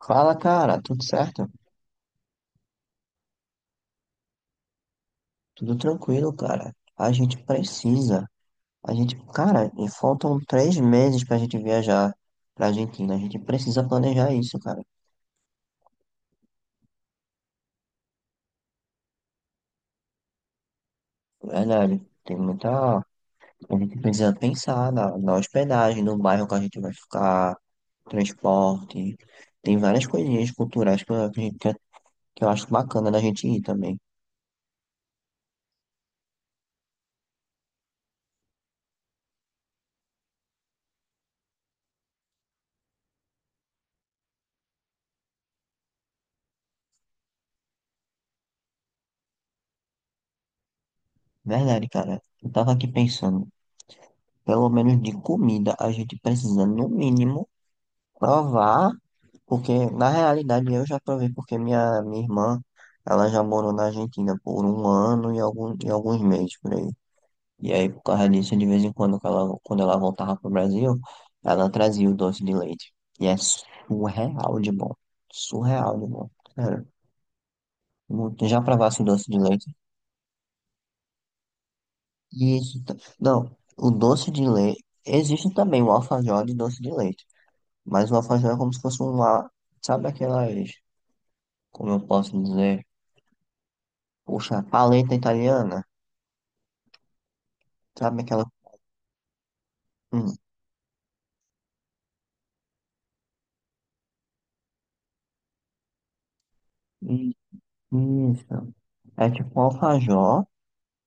Fala, cara, tudo certo? Tudo tranquilo, cara. A gente precisa. A gente, cara, e faltam 3 meses pra gente viajar pra Argentina. A gente precisa planejar isso, cara. Verdade. Tem muita. A gente precisa pensar na hospedagem, no bairro que a gente vai ficar, transporte. Tem várias coisinhas culturais que eu acho bacana da gente ir também. Verdade, cara. Eu tava aqui pensando, pelo menos de comida, a gente precisa, no mínimo, provar. Porque, na realidade, eu já provei, porque minha irmã, ela já morou na Argentina por um ano e alguns meses por aí. E aí, por causa disso, de vez em quando, quando ela voltava pro Brasil, ela trazia o doce de leite. E é surreal de bom. Surreal de bom. Sério. Já provasse o doce de leite? Isso. Não, o doce de leite. Existe também o alfajor de doce de leite. Mas o alfajor é como se fosse um lá. Sabe aquelas. Como eu posso dizer? Puxa, paleta italiana, sabe aquela. Hum, i- isso. É tipo um alfajor.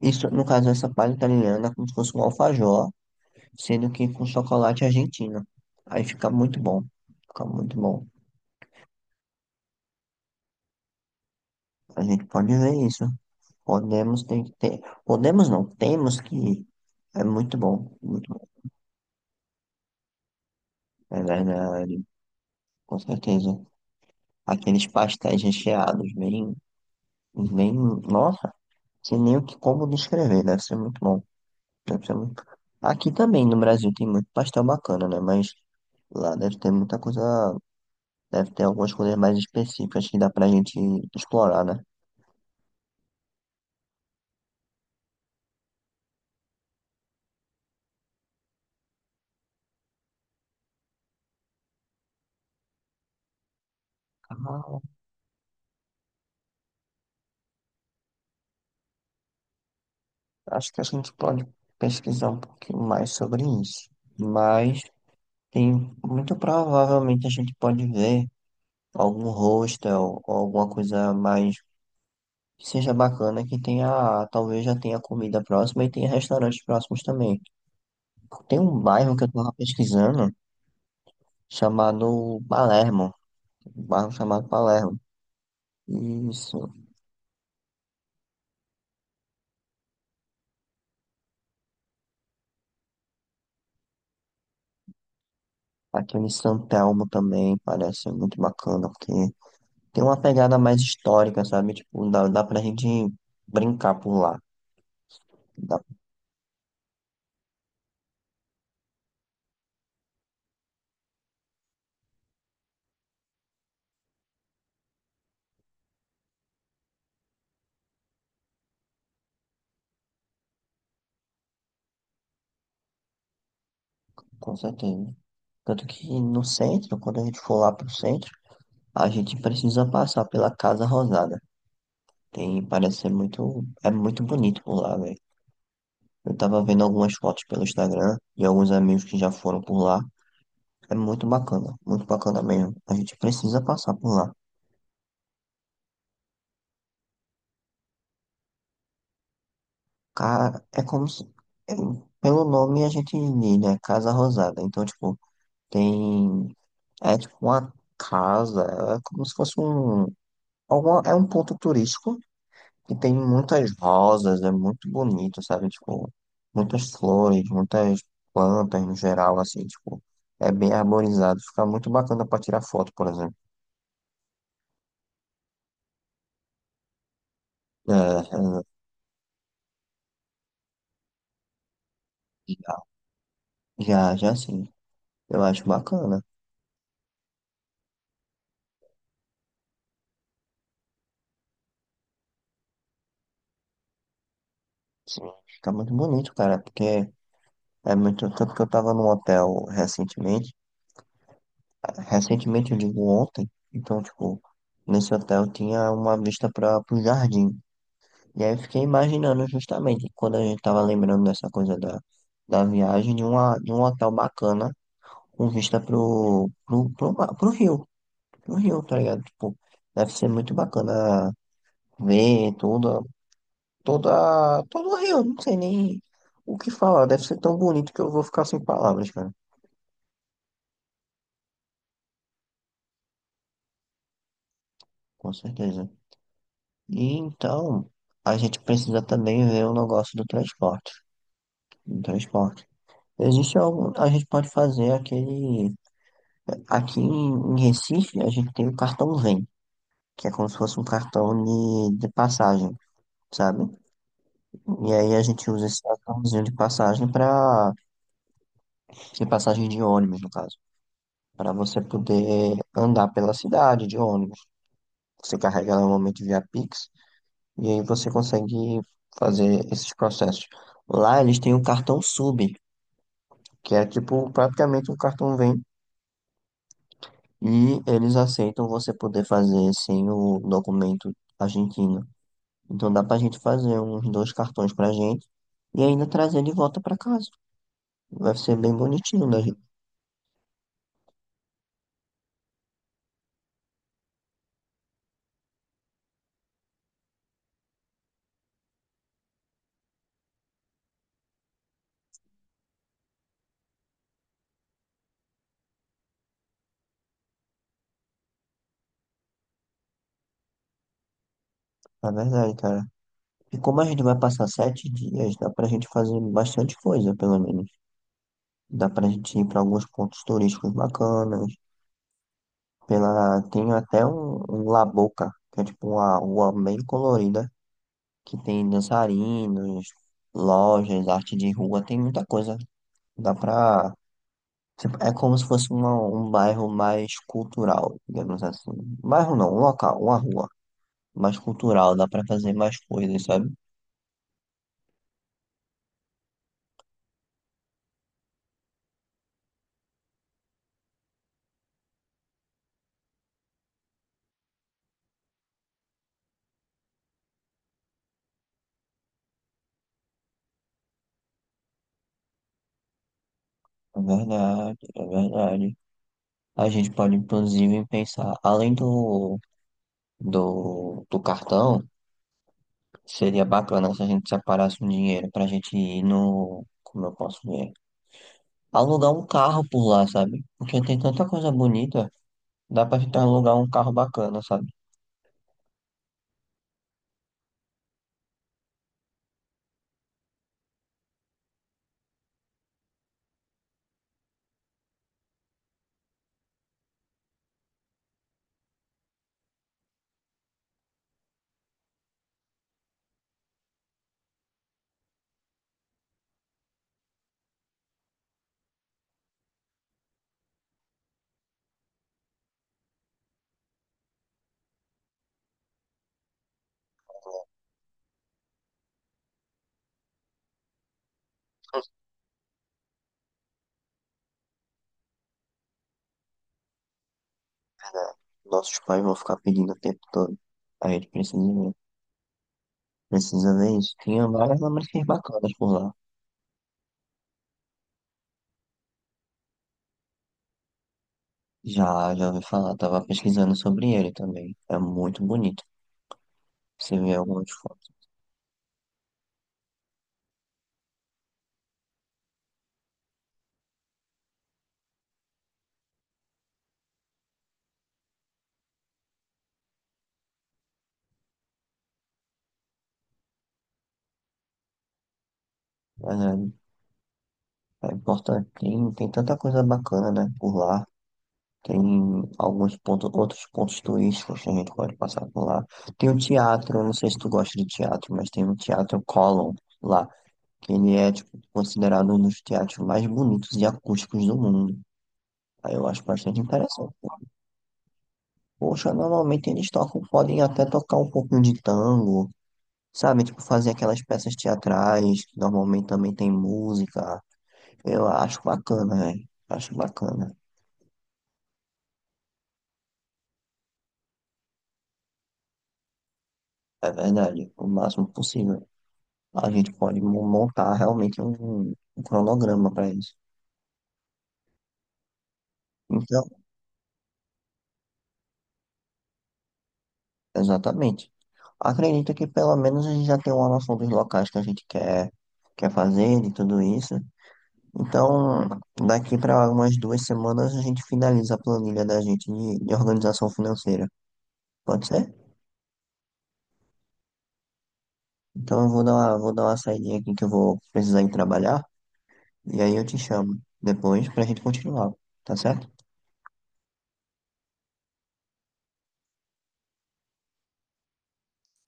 Isso, no caso, essa paleta italiana é como se fosse um alfajor, sendo que com chocolate argentino. Aí fica muito bom. Fica muito bom. A gente pode ver isso. Podemos tem que ter. Podemos não, temos que ir. É muito bom, muito bom. É verdade, com certeza. Aqueles pastéis recheados, bem, bem. Nossa, sem nem o que como descrever, deve ser muito bom. Deve ser muito. Aqui também no Brasil tem muito pastel bacana, né? Mas lá deve ter muita coisa. Deve ter algumas coisas mais específicas que dá pra gente explorar, né? Ah, acho que a gente pode pesquisar um pouquinho mais sobre isso. Mas tem muito provavelmente a gente pode ver algum hostel ou alguma coisa mais que seja bacana que tenha, talvez já tenha comida próxima e tenha restaurantes próximos também. Tem um bairro que eu tava pesquisando, chamado Palermo, um bairro chamado Palermo. Isso. Aquele em São Telmo também parece muito bacana, porque tem uma pegada mais histórica, sabe? Tipo, dá pra gente brincar por lá. Dá, com certeza. Tanto que no centro, quando a gente for lá pro centro, a gente precisa passar pela Casa Rosada. Tem, parece ser muito, é muito bonito por lá, velho. Eu tava vendo algumas fotos pelo Instagram de alguns amigos que já foram por lá. É muito bacana mesmo. A gente precisa passar por lá. Cara, é como se. é- Pelo nome a gente diz, né? Casa Rosada. Então, tipo, tem. É tipo uma casa, é como se fosse um. É um ponto turístico que tem muitas rosas, é muito bonito, sabe? Tipo, muitas flores, muitas plantas no geral, assim, tipo, é bem arborizado, fica muito bacana pra tirar foto, por exemplo. É, é, já, já, sim, eu acho bacana. Sim, fica muito bonito, cara, porque é muito. Tanto que eu tava num hotel recentemente, recentemente eu digo ontem, então, tipo, nesse hotel tinha uma vista para pro jardim. E aí eu fiquei imaginando justamente, quando a gente tava lembrando dessa coisa da viagem, de um hotel bacana, com vista pro rio, tá ligado? Tipo, deve ser muito bacana ver tudo, todo Rio, não sei nem o que falar. Deve ser tão bonito que eu vou ficar sem palavras, cara. Com certeza. E então, a gente precisa também ver o negócio do transporte. Do transporte. Existe algo, a gente pode fazer aquele. Aqui em Recife, a gente tem o cartão Vem, que é como se fosse um cartão de passagem, sabe? E aí a gente usa esse cartãozinho de passagem para. De passagem de ônibus, no caso. Para você poder andar pela cidade de ônibus. Você carrega ela normalmente via Pix e aí você consegue fazer esses processos. Lá eles têm um cartão sub, que é tipo praticamente um cartão Vem e eles aceitam você poder fazer sem o documento argentino. Então dá pra gente fazer uns dois cartões pra gente e ainda trazer de volta pra casa. Vai ser bem bonitinho, né, gente? Na verdade, cara. E como a gente vai passar 7 dias, dá pra gente fazer bastante coisa, pelo menos. Dá pra gente ir pra alguns pontos turísticos bacanas. Tem até um La Boca, que é tipo uma rua bem colorida, que tem dançarinos, lojas, arte de rua, tem muita coisa. Dá pra. Tipo, é como se fosse um bairro mais cultural, digamos assim. Bairro não, um local, uma rua mais cultural, dá pra fazer mais coisas, sabe? É verdade, é verdade. A gente pode, inclusive, pensar, além do cartão. Seria bacana se a gente separasse um dinheiro pra gente ir no. Como eu posso ver? Alugar um carro por lá, sabe? Porque tem tanta coisa bonita, dá pra gente alugar um carro bacana, sabe? É verdade. Nossos pais vão ficar pedindo o tempo todo. A gente precisa ver. Precisa ver isso. Tinha várias lembranças bacanas por lá. Já ouvi falar, tava pesquisando sobre ele também. É muito bonito. Você vê algumas fotos. Mas é importante. Tem tanta coisa bacana, né? Por lá. Tem alguns pontos, outros pontos turísticos que a gente pode passar por lá. Tem um teatro, eu não sei se tu gosta de teatro, mas tem um teatro Colón lá, que ele é tipo, considerado um dos teatros mais bonitos e acústicos do mundo. Aí eu acho bastante interessante. Poxa, normalmente eles tocam, podem até tocar um pouquinho de tango, sabe? Tipo, fazer aquelas peças teatrais, que normalmente também tem música. Eu acho bacana, velho. Acho bacana. É verdade, o máximo possível. A gente pode montar realmente um cronograma para isso. Então, exatamente. Acredito que pelo menos a gente já tem uma noção dos locais que a gente quer, fazer, de tudo isso. Então, daqui para umas duas semanas a gente finaliza a planilha da gente de organização financeira. Pode ser? Então eu vou dar uma saidinha aqui que eu vou precisar ir trabalhar. E aí eu te chamo depois pra gente continuar. Tá certo?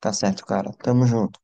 Tá certo, cara. Tamo junto.